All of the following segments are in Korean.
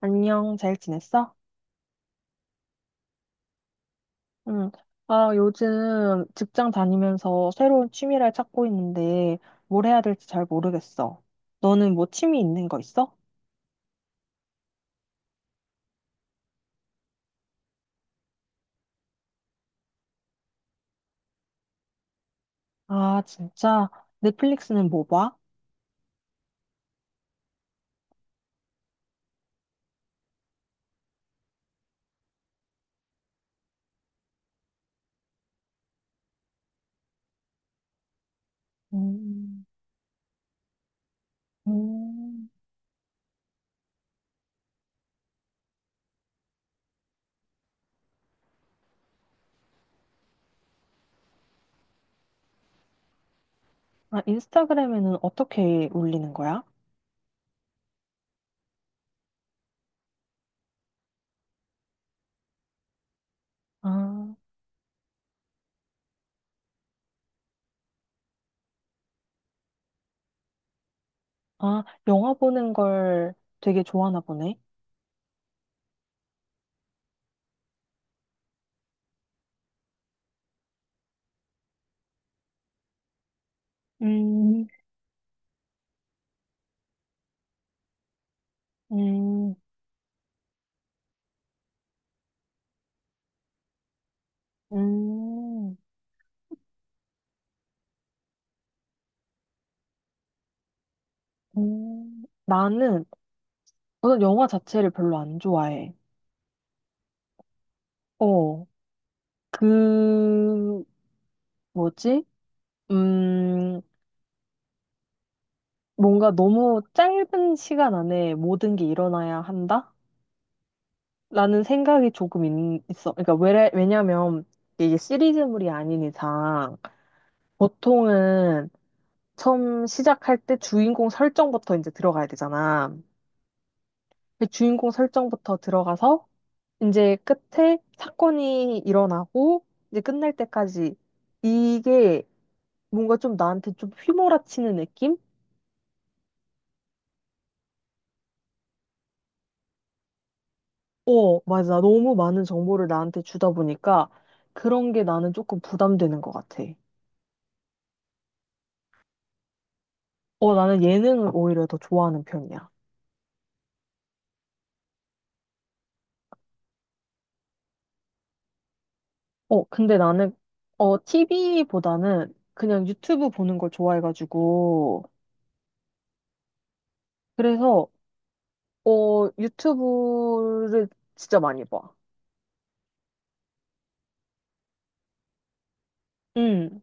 안녕, 잘 지냈어? 응. 아, 요즘 직장 다니면서 새로운 취미를 찾고 있는데 뭘 해야 될지 잘 모르겠어. 너는 뭐 취미 있는 거 있어? 아, 진짜? 넷플릭스는 뭐 봐? 음, 음. 아, 인스타그램에는 어떻게 올리는 거야? 아, 아, 영화 보는 걸 되게 좋아하나 보네. 음, 음, 음, 나는 우선 영화 자체를 별로 안 좋아해. 어. 그, 뭐지? 음, 뭔가 너무 짧은 시간 안에 모든 게 일어나야 한다? 라는 생각이 조금 있어. 그러니까 왜냐면 이게 시리즈물이 아닌 이상 보통은 처음 시작할 때 주인공 설정부터 이제 들어가야 되잖아. 그 주인공 설정부터 들어가서 이제 끝에 사건이 일어나고 이제 끝날 때까지 이게 뭔가 좀 나한테 좀 휘몰아치는 느낌? 어, 맞아. 너무 많은 정보를 나한테 주다 보니까 그런 게 나는 조금 부담되는 것 같아. 어, 나는 예능을 오히려 더 좋아하는 편이야. 어, 근데 나는, 어, TV보다는 그냥 유튜브 보는 걸 좋아해가지고. 그래서, 어, 유튜브를 진짜 많이 봐. 응,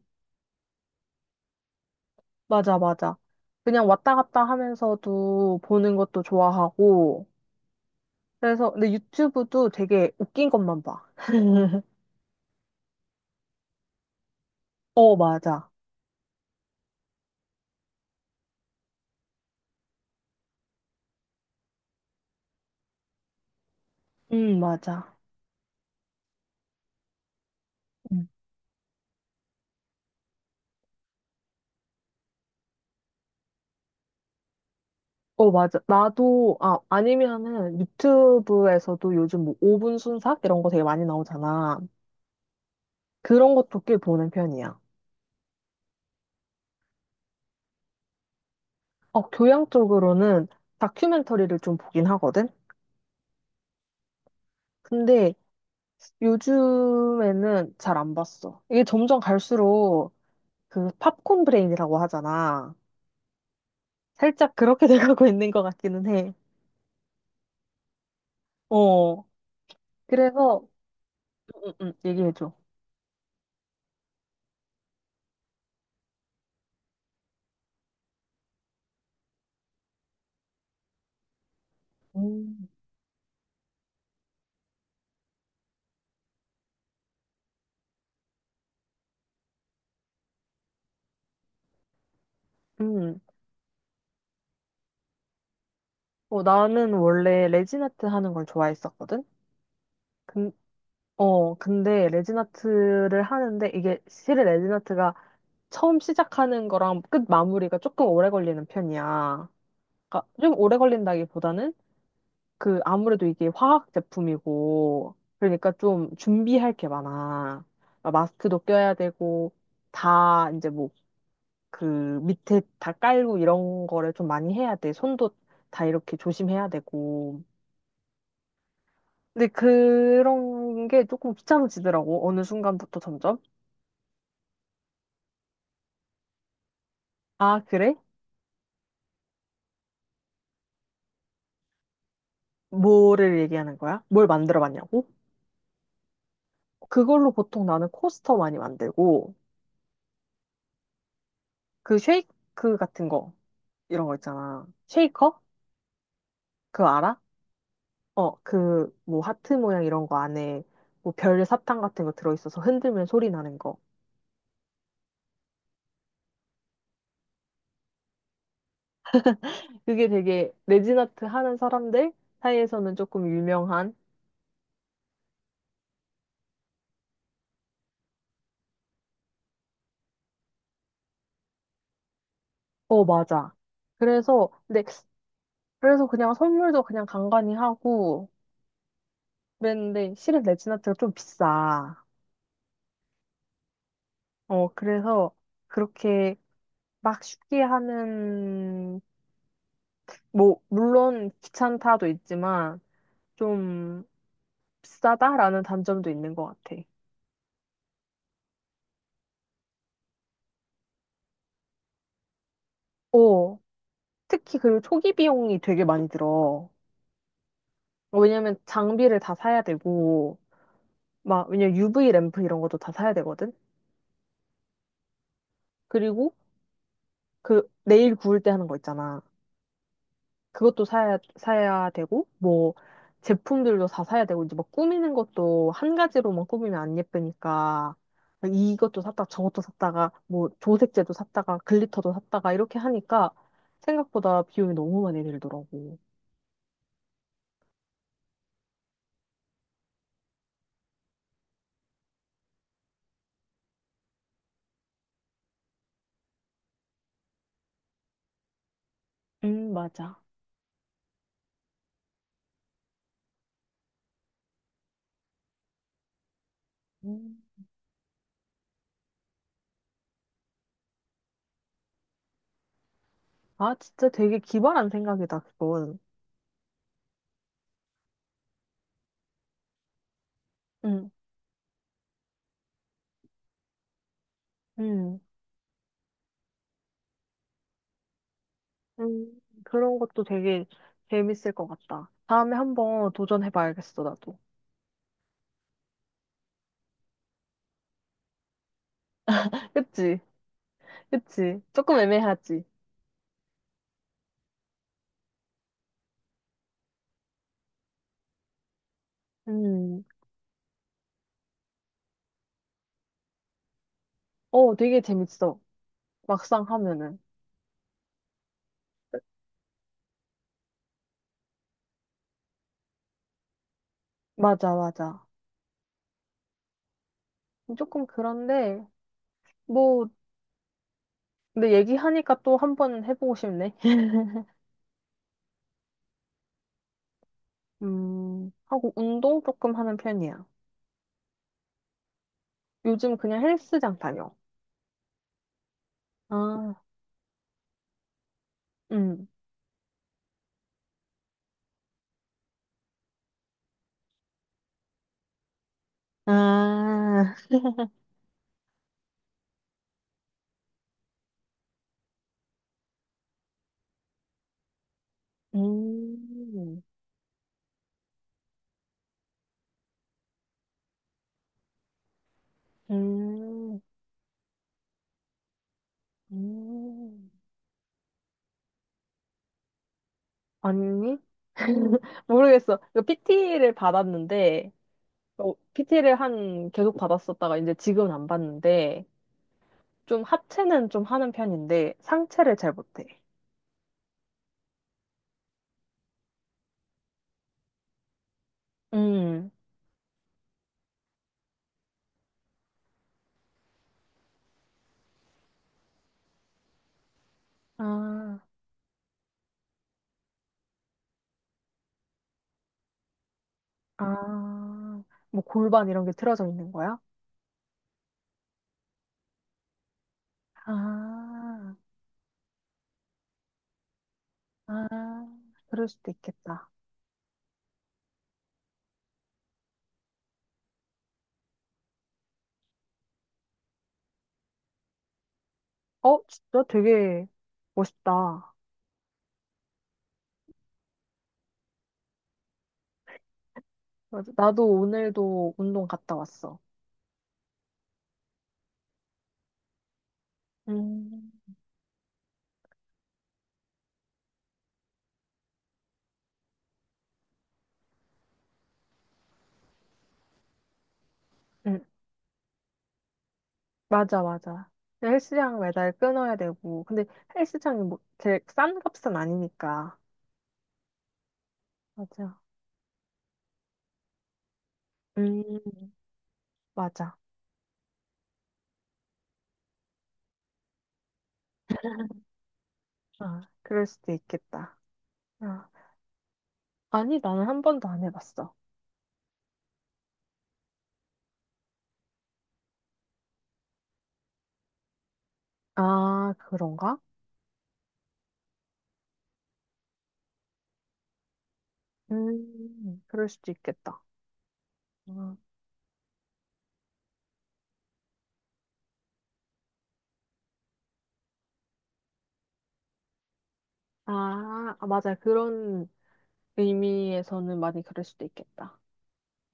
맞아, 맞아. 그냥 왔다 갔다 하면서도 보는 것도 좋아하고. 그래서, 근데 유튜브도 되게 웃긴 것만 봐. 어, 맞아. 응, 맞아. 어, 맞아. 나도, 아, 아니면은 유튜브에서도 요즘 뭐 5분 순삭? 이런 거 되게 많이 나오잖아. 그런 것도 꽤 보는 편이야. 어, 교양 쪽으로는 다큐멘터리를 좀 보긴 하거든? 근데 요즘에는 잘 안 봤어. 이게 점점 갈수록 그 팝콘 브레인이라고 하잖아. 살짝 그렇게 돼가고 있는 것 같기는 해. 어, 그래서, 응, 응, 얘기해줘. 음. 음, 어, 나는 원래 레지나트 하는 걸 좋아했었거든? 어, 근데 레진아트를 하는데 이게 실은 레진아트가 처음 시작하는 거랑 끝 마무리가 조금 오래 걸리는 편이야. 그러니까 좀 오래 걸린다기보다는 그 아무래도 이게 화학 제품이고 그러니까 좀 준비할 게 많아. 막 마스크도 껴야 되고 다 이제 뭐 그 밑에 다 깔고 이런 거를 좀 많이 해야 돼. 손도 다 이렇게 조심해야 되고. 근데 그런 게 조금 귀찮아지더라고. 어느 순간부터 점점. 아, 그래? 뭐를 얘기하는 거야? 뭘 만들어 봤냐고? 그걸로 보통 나는 코스터 많이 만들고, 그 쉐이크 같은 거, 이런 거 있잖아. 쉐이커? 그거 알아? 어, 그, 뭐, 하트 모양 이런 거 안에, 뭐, 별 사탕 같은 거 들어있어서 흔들면 소리 나는 거. 그게 되게 레진 아트 하는 사람들 사이에서는 조금 유명한, 어, 맞아. 그래서, 근데, 그래서 그냥 선물도 그냥 간간히 하고, 그랬는데, 실은 레진 아트가 좀 비싸. 어, 그래서, 그렇게 막 쉽게 하는, 뭐, 물론 귀찮다도 있지만, 좀 비싸다라는 단점도 있는 것 같아. 어, 특히 그리고 초기 비용이 되게 많이 들어. 왜냐면 장비를 다 사야 되고, 막, 왜냐면 UV 램프 이런 것도 다 사야 되거든? 그리고 그 네일 구울 때 하는 거 있잖아. 그것도 사야 되고, 뭐, 제품들도 다 사야 되고, 이제 뭐 꾸미는 것도 한 가지로만 꾸미면 안 예쁘니까, 이것도 샀다, 저것도 샀다가, 뭐, 조색제도 샀다가, 글리터도 샀다가, 이렇게 하니까 생각보다 비용이 너무 많이 들더라고. 맞아. 음. 아, 진짜 되게 기발한 생각이다, 그건. 응, 응, 응, 그런 것도 되게 재밌을 것 같다. 다음에 한번 도전해봐야겠어, 나도. 그치? 그치? 조금 애매하지? 음, 어, 되게 재밌어. 막상 하면은. 맞아, 맞아. 조금 그런데, 뭐, 근데 얘기하니까 또 한번 해보고 싶네. 하고 운동 조금 하는 편이야. 요즘 그냥 헬스장 다녀. 아, 음. 아, 음, 음, 음. 아니? 모르겠어. 이 PT를 받았는데, PT를 한, 계속 받았었다가 이제 지금은 안 받는데, 좀 하체는 좀 하는 편인데 상체를 잘 못해. 음. 아, 아, 뭐 골반 이런 게 틀어져 있는 거야? 아, 아, 그럴 수도 있겠다. 어, 진짜 되게 멋있다. 맞아. 나도 오늘도 운동 갔다 왔어. 음. 응, 맞아, 맞아. 근데 헬스장 매달 끊어야 되고. 근데 헬스장이 뭐, 제일 싼 값은 아니니까. 맞아, 음. 맞아. 아, 그럴 수도 있겠다. 아. 아니, 나는 한 번도 안 해봤어. 아, 그런가? 그럴 수도 있겠다. 아, 아, 아, 맞아. 그런 의미에서는 많이 그럴 수도 있겠다.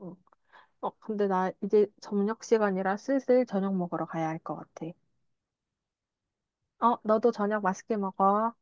응. 어, 근데 나 이제 저녁 시간이라 슬슬 저녁 먹으러 가야 할 것 같아. 어, 너도 저녁 맛있게 먹어.